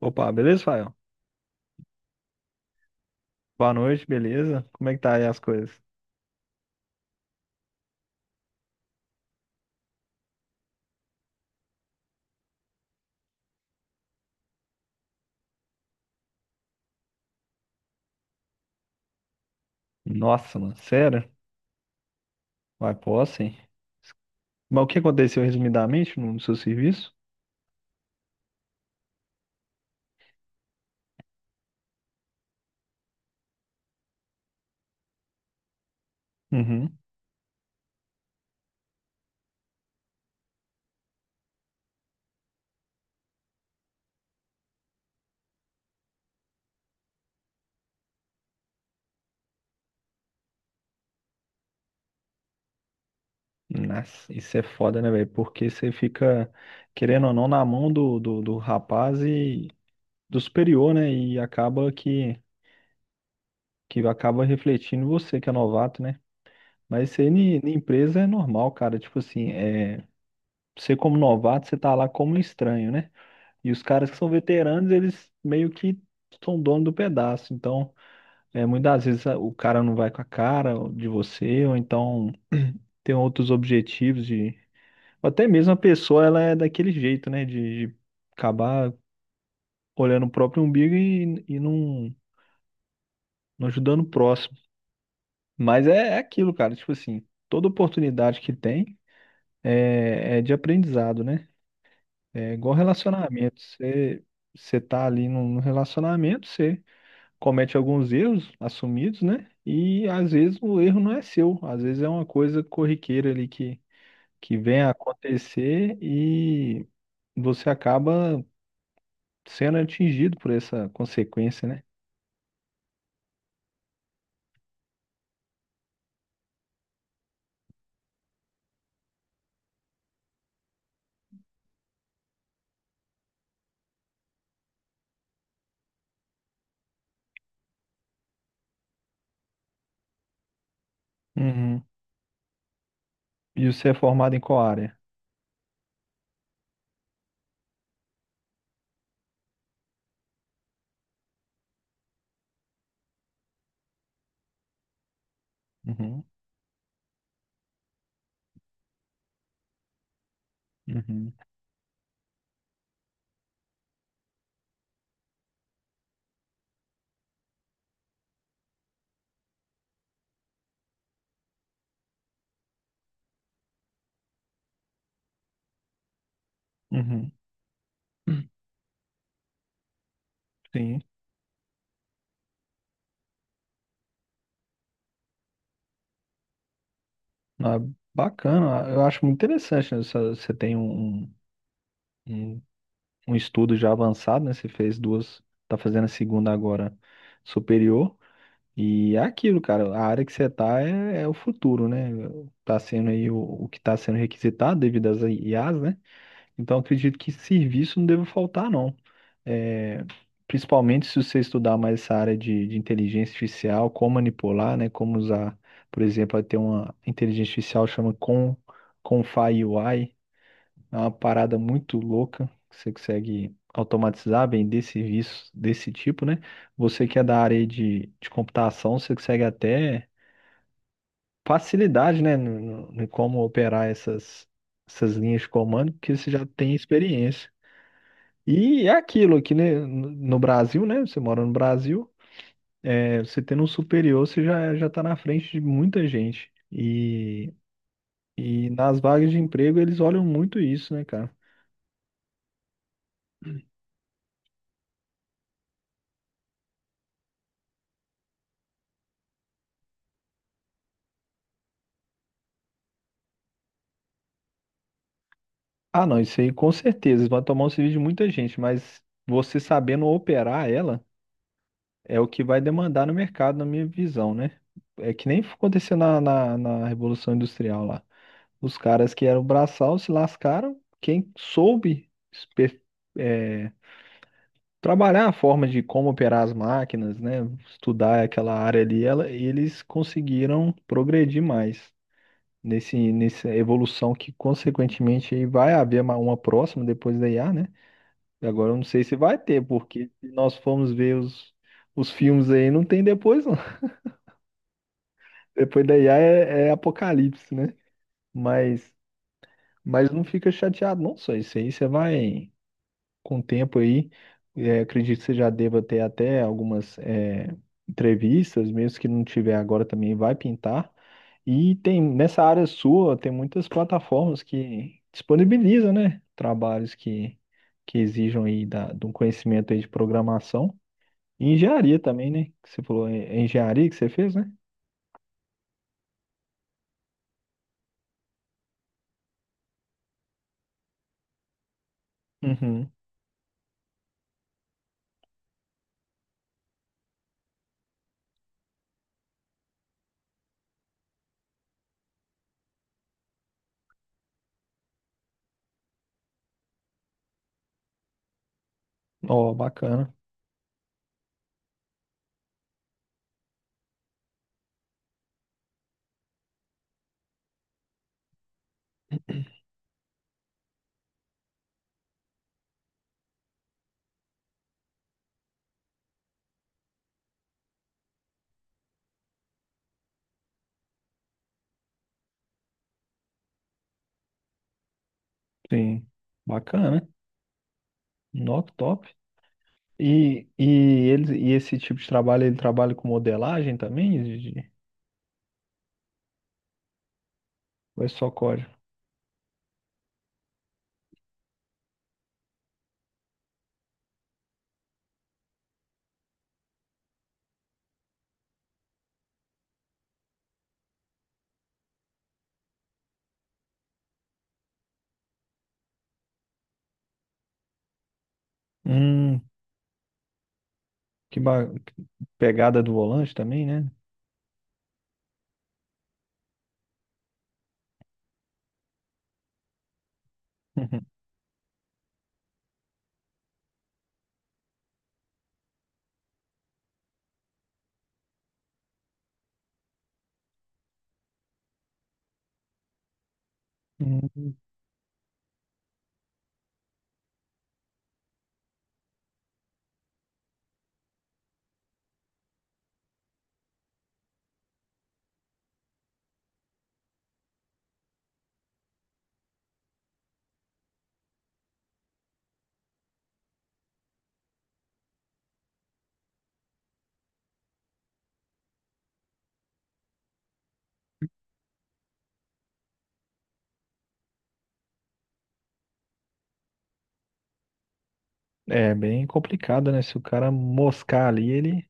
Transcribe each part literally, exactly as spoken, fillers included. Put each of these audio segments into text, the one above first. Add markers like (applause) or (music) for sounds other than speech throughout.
Opa, beleza, Fael? Boa noite, beleza? Como é que tá aí as coisas? Nossa, mano, sério? Vai, posso, hein? Mas o que aconteceu resumidamente no no seu serviço? Uhum. Nossa, isso é foda, né, velho? Porque você fica, querendo ou não, na mão do, do, do rapaz e do superior, né? E acaba que, que acaba refletindo em você, que é novato, né? Mas isso aí na empresa é normal, cara. Tipo assim, é, você como novato, você tá lá como um estranho, né? E os caras que são veteranos, eles meio que são dono do pedaço. Então, é, muitas vezes a- o cara não vai com a cara de você, ou então tem outros objetivos de, ou até mesmo a pessoa, ela é daquele jeito, né? De, de acabar olhando o próprio umbigo e, e não, não ajudando o próximo. Mas é, é aquilo, cara. Tipo assim, toda oportunidade que tem é, é de aprendizado, né? É igual relacionamento. Você, você tá ali num num relacionamento, você comete alguns erros assumidos, né? E às vezes o erro não é seu, às vezes é uma coisa corriqueira ali que, que vem a acontecer e você acaba sendo atingido por essa consequência, né? Uhum. E você é formado em qual área? Uhum. Uhum. Uhum. Sim. Ah, bacana. Ah, eu acho muito interessante, né? Você você tem um, um, um um estudo já avançado, né? Você fez duas, tá fazendo a segunda agora superior. E é aquilo, cara, a área que você tá é, é o futuro, né? Tá sendo aí o, o que tá sendo requisitado devido às I as, né? Então acredito que serviço não deve faltar, não. É, principalmente se você estudar mais essa área de, de inteligência artificial, como manipular, né? Como usar, por exemplo, vai ter uma inteligência artificial chama Con, Confai U I, é uma parada muito louca que você consegue automatizar bem desse serviço desse tipo, né? Você que é da área aí de, de computação, você consegue até facilidade, né, no, no- no como operar essas, essas linhas de comando, porque você já tem experiência. E é aquilo aqui, né, no no Brasil, né? Você mora no Brasil, é, você tendo um superior, você já, já está na frente de muita gente. E, e nas vagas de emprego, eles olham muito isso, né, cara? Ah, não, isso aí com certeza vai tomar um serviço de muita gente, mas você sabendo operar ela é o que vai demandar no mercado, na minha visão, né? É que nem aconteceu na, na, na Revolução Industrial lá. Os caras que eram braçal se lascaram, quem soube espe- é, trabalhar a forma de como operar as máquinas, né? Estudar aquela área ali, ela, eles conseguiram progredir mais. Nesse, nessa evolução que, consequentemente, aí vai haver uma uma próxima depois da I A, né? E agora eu não sei se vai ter, porque se nós formos ver os, os filmes aí, não tem depois, não. (laughs) Depois da I A é, é apocalipse, né? Mas, mas não fica chateado, não, só isso aí. Você vai com o tempo aí. É, acredito que você já deva ter até algumas é, entrevistas, mesmo que não tiver agora também, vai pintar. E tem nessa área sua, tem muitas plataformas que disponibilizam, né? Trabalhos que, que exijam aí da, de um conhecimento aí de programação. E engenharia também, né? Que você falou em- é engenharia que você fez, né? Uhum. Ó, bacana. Sim. Bacana. Not top. E, e, eles, e esse tipo de trabalho, ele trabalha com modelagem também, Gigi? Ou é só código? Hum, que ba- pegada do volante também, né? Uhum. Hum, é bem complicado, né? Se o cara moscar ali, ele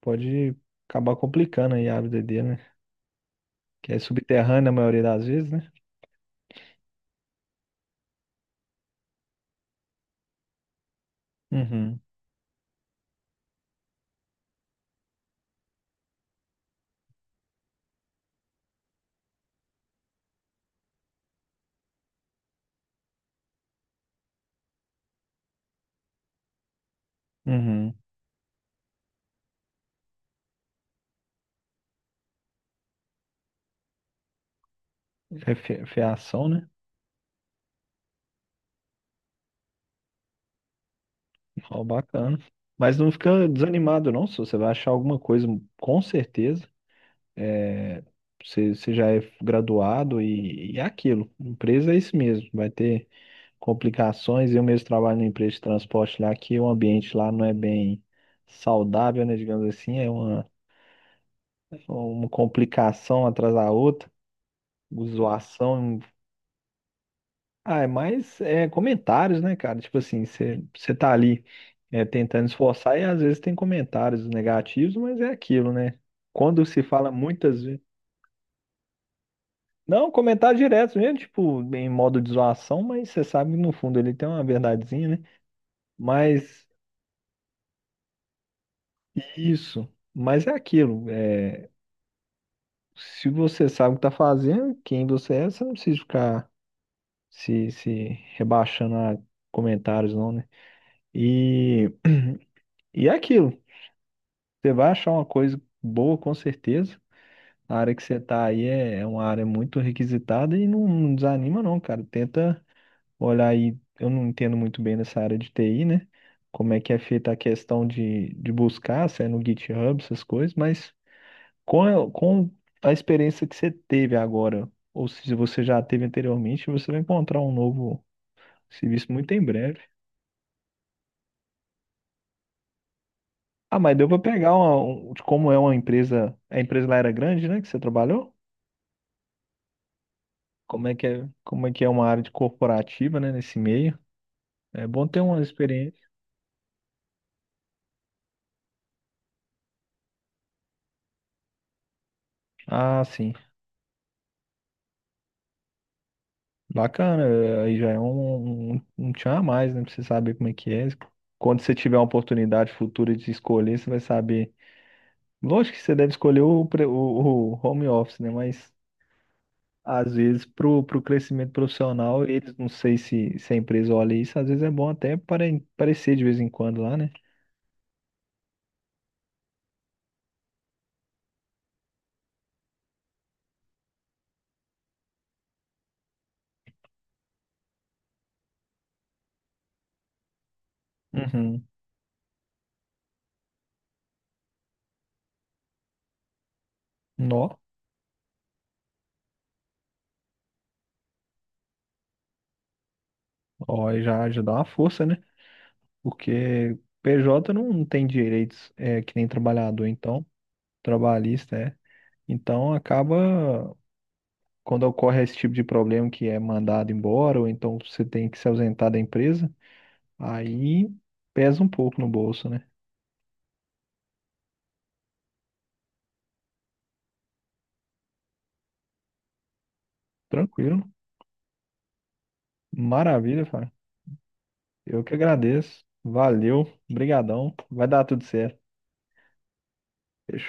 pode acabar complicando aí a vida dele, né? Que é subterrânea a maioria das vezes, né? Uhum, uhum. É fe- Fiação, né? Ó, bacana. Mas não fica desanimado, não, se você vai achar alguma coisa, com certeza. É, você, você já é graduado e, e é aquilo. Empresa é isso mesmo, vai ter complicações. Eu mesmo trabalho numa empresa de transporte lá, que o ambiente lá não é bem saudável, né? Digamos assim, é uma, uma complicação atrás da outra. Sim. Zoação? Ah, é mais é, comentários, né, cara? Tipo assim, você você tá ali é, tentando esforçar e às vezes tem comentários negativos, mas é aquilo, né? Quando se fala muitas vezes. Não, comentário direto mesmo, tipo, em modo de zoação, mas você sabe que no fundo ele tem uma verdadezinha, né? Mas isso, mas é aquilo. É, se você sabe o que tá fazendo, quem você é, você não precisa ficar se, se rebaixando a comentários, não, né? E, (clears throat) e é aquilo. Você vai achar uma coisa boa, com certeza. A área que você tá aí é, é uma área muito requisitada e não, não desanima, não, cara. Tenta olhar aí. Eu não entendo muito bem nessa área de T I, né? Como é que é feita a questão de, de buscar, se é no GitHub, essas coisas, mas com a, com a experiência que você teve agora, ou se você já teve anteriormente, você vai encontrar um novo serviço muito em breve. Ah, mas deu pra pegar uma, um- de como é uma empresa. A empresa lá era grande, né? Que você trabalhou? Como é que é, como é que é uma área de corporativa, né, nesse meio. É bom ter uma experiência. Ah, sim. Bacana, eh, aí já é um, um, um tchan a mais, né, pra você saber como é que é. Quando você tiver uma oportunidade futura de escolher, você vai saber. Lógico que você deve escolher o, pre- o, o home office, né, mas às vezes pro, pro crescimento profissional, eles, não sei se, se a empresa olha isso, às vezes é bom até pare- aparecer de vez em quando lá, né? Uhum. Nó, ó, aí já, já dá uma força, né? Porque P J não não tem direitos é, que nem trabalhador, então, trabalhista, é. Então acaba, quando ocorre esse tipo de problema que é mandado embora, ou então você tem que se ausentar da empresa, aí pesa um pouco no bolso, né? Tranquilo. Maravilha, cara. Eu que agradeço. Valeu, obrigadão. Vai dar tudo certo. Fechou.